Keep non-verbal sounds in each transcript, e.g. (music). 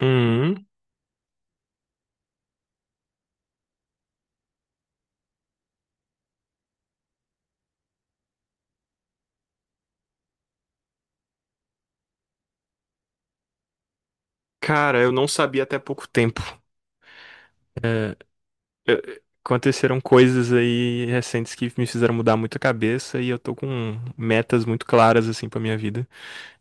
Hum, cara, eu não sabia até pouco tempo. Eu- Aconteceram coisas aí recentes que me fizeram mudar muito a cabeça e eu tô com metas muito claras assim pra minha vida.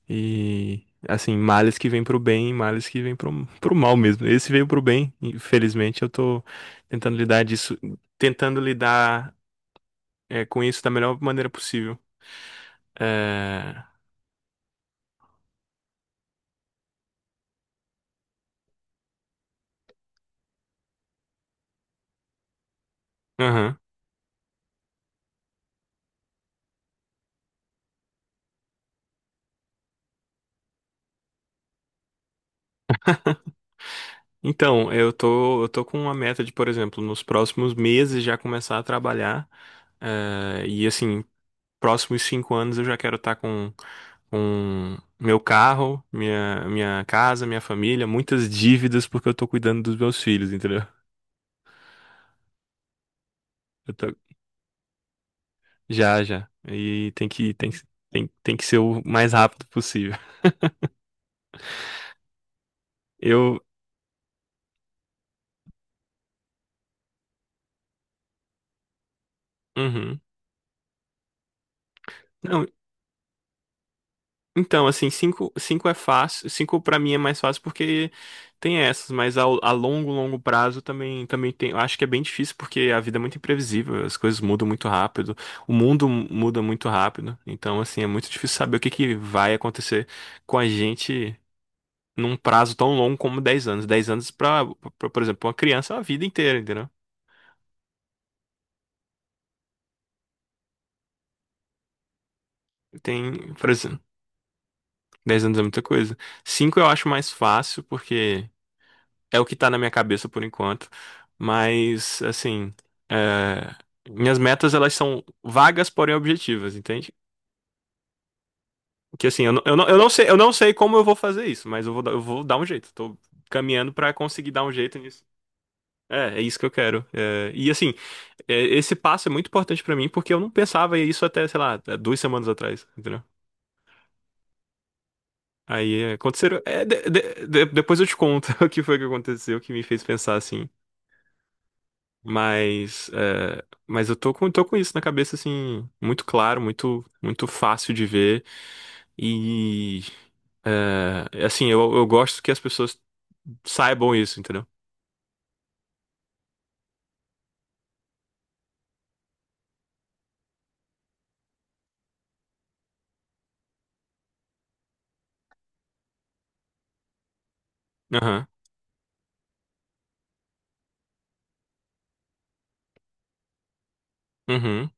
E assim, males que vêm pro bem, males que vêm pro, pro mal mesmo. Esse veio pro bem, infelizmente eu tô tentando lidar disso, tentando lidar com isso da melhor maneira possível. É... aham. Então, eu tô com uma meta de, por exemplo, nos próximos meses já começar a trabalhar. E assim, próximos 5 anos eu já quero estar com meu carro, minha casa, minha família, muitas dívidas porque eu tô cuidando dos meus filhos, entendeu? Eu tô- Já, já. Tem, tem que ser o mais rápido possível. Eu. Uhum. Não. Então, assim, cinco é fácil. Cinco pra mim é mais fácil porque tem essas, mas longo, longo prazo também, também tem. Eu acho que é bem difícil porque a vida é muito imprevisível, as coisas mudam muito rápido, o mundo muda muito rápido. Então, assim, é muito difícil saber o que que vai acontecer com a gente num prazo tão longo como 10 anos. Pra, por exemplo, uma criança é a vida inteira, entendeu? Tem, por exemplo, 10 anos é muita coisa. Cinco eu acho mais fácil porque. É o que tá na minha cabeça por enquanto. Mas, assim, é, minhas metas elas são vagas, porém objetivas, entende? Que assim, eu não sei como eu vou fazer isso, mas eu vou dar um jeito. Tô caminhando pra conseguir dar um jeito nisso. É, é isso que eu quero. É, e assim, esse passo é muito importante pra mim porque eu não pensava isso até, sei lá, 2 semanas atrás, entendeu? Aí é, aconteceram. É, de- Depois eu te conto (laughs) o que foi que aconteceu que me fez pensar assim. Mas eu tô com isso na cabeça, assim, muito claro, muito, muito fácil de ver. E, eu gosto que as pessoas saibam isso, entendeu? Aham, uhum,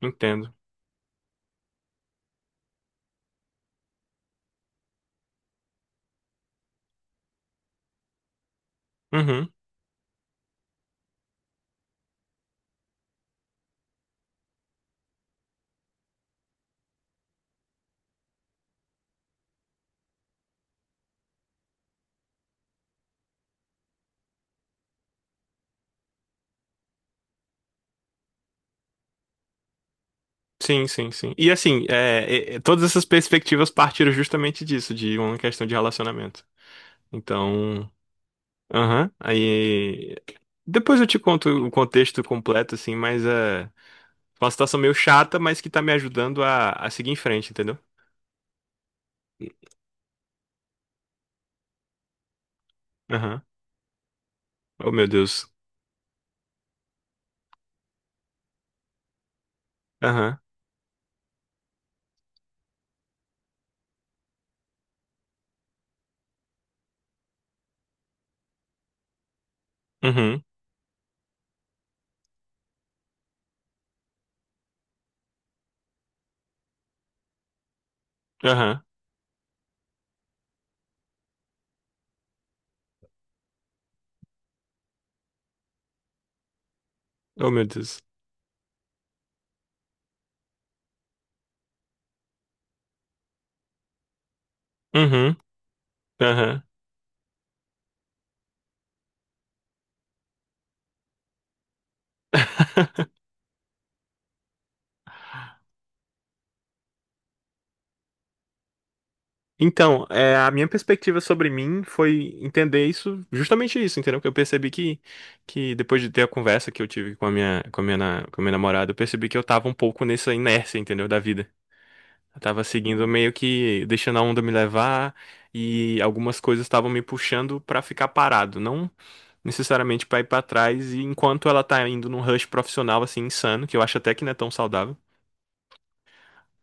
entendo. Uhum, sim, sim, sim. E, assim, todas essas perspectivas partiram justamente disso, de uma questão de relacionamento. Então, aham, Depois eu te conto o contexto completo, assim, Uma situação meio chata, mas que tá me ajudando a seguir em frente, entendeu? Aham. Oh, meu Deus. Aham. Uhum. Aham. Oh, meu Deus. Uhum. Aham. Então, a minha perspectiva sobre mim foi entender isso, justamente isso, entendeu? Que eu percebi Que depois de ter a conversa que eu tive com a minha namorada, eu percebi que eu tava um pouco nessa inércia, entendeu? Da vida. Eu tava seguindo meio que deixando a onda me levar e algumas coisas estavam me puxando pra ficar parado, não necessariamente pra ir pra trás, e enquanto ela tá indo num rush profissional, assim, insano, que eu acho até que não é tão saudável.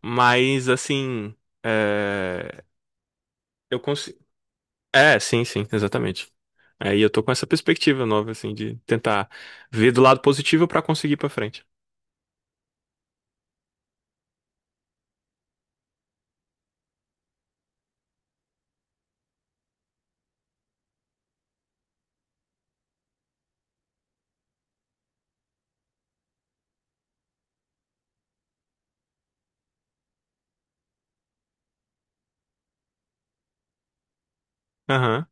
Mas, assim, é... eu consigo. É, sim, sim, exatamente. Aí eu tô com essa perspectiva nova, assim, de tentar ver do lado positivo pra conseguir ir pra frente. Aham.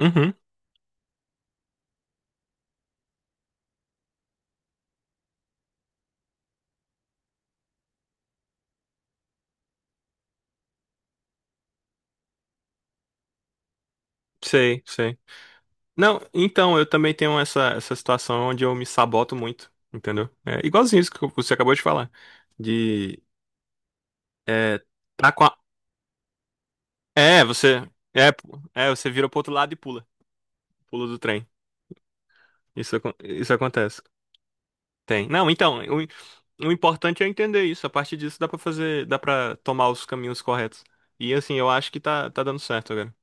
Uhum. Sei, sei. Não, então, eu também tenho essa situação onde eu me saboto muito, entendeu? É igualzinho isso que você acabou de falar. De estar É, você. Você vira pro outro lado e pula. Pula do trem. Isso acontece. Tem. Não, então, o importante é entender isso. A partir disso dá pra fazer. Dá pra tomar os caminhos corretos. E assim, eu acho que tá dando certo agora.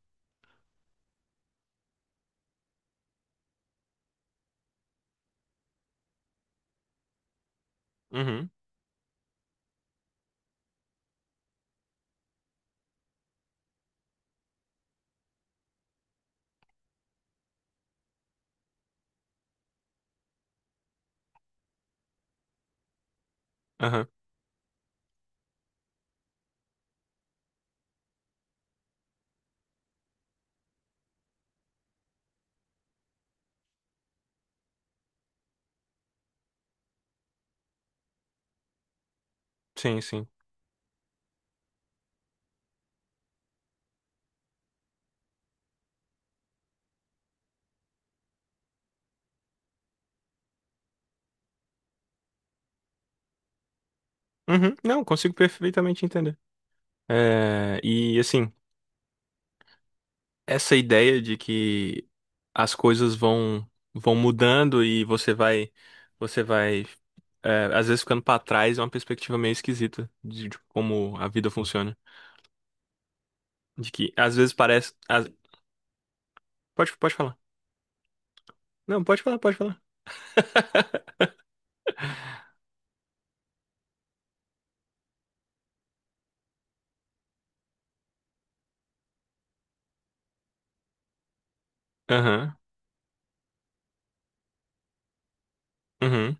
Uhum. Aham. Sim, sim. Uhum. Não, consigo perfeitamente entender. É, e assim. Essa ideia de que as coisas vão mudando e você vai às vezes ficando pra trás é uma perspectiva meio esquisita de como a vida funciona. De que às vezes parece. Às- Pode, pode falar. Não, pode falar, pode falar. Aham. Uhum.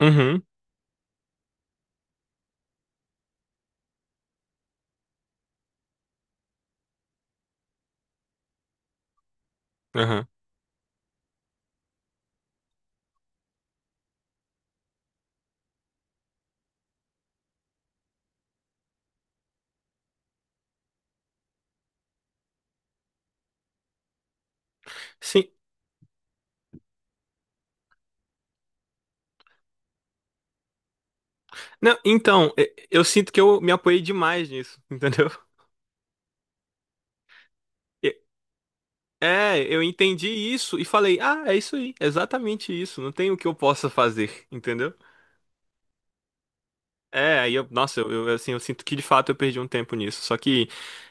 Uhum. Aham. Sim. Não, então, eu sinto que eu me apoiei demais nisso, (laughs) entendeu? E- É, eu entendi isso e falei, ah, é isso aí, é exatamente isso, não tem o que eu possa fazer, entendeu? É, aí eu, nossa, eu, assim, Eu sinto que de fato eu perdi um tempo nisso. Só que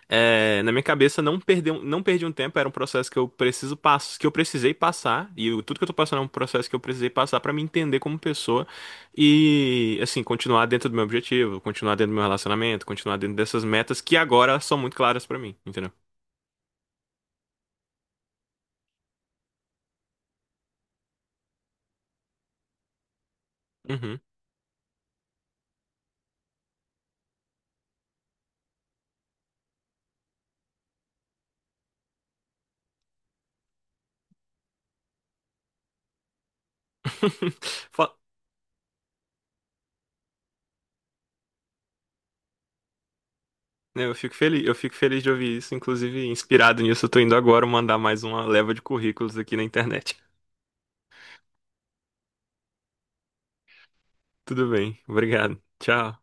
na minha cabeça não perdi, não perdi um tempo, era um processo que eu precisei passar, tudo que eu tô passando é um processo que eu precisei passar pra me entender como pessoa e assim, continuar dentro do meu objetivo, continuar dentro do meu relacionamento, continuar dentro dessas metas que agora são muito claras pra mim, entendeu? Uhum. (laughs) Fa- eu fico feliz de ouvir isso, inclusive inspirado nisso, eu tô indo agora mandar mais uma leva de currículos aqui na internet. Tudo bem. Obrigado. Tchau.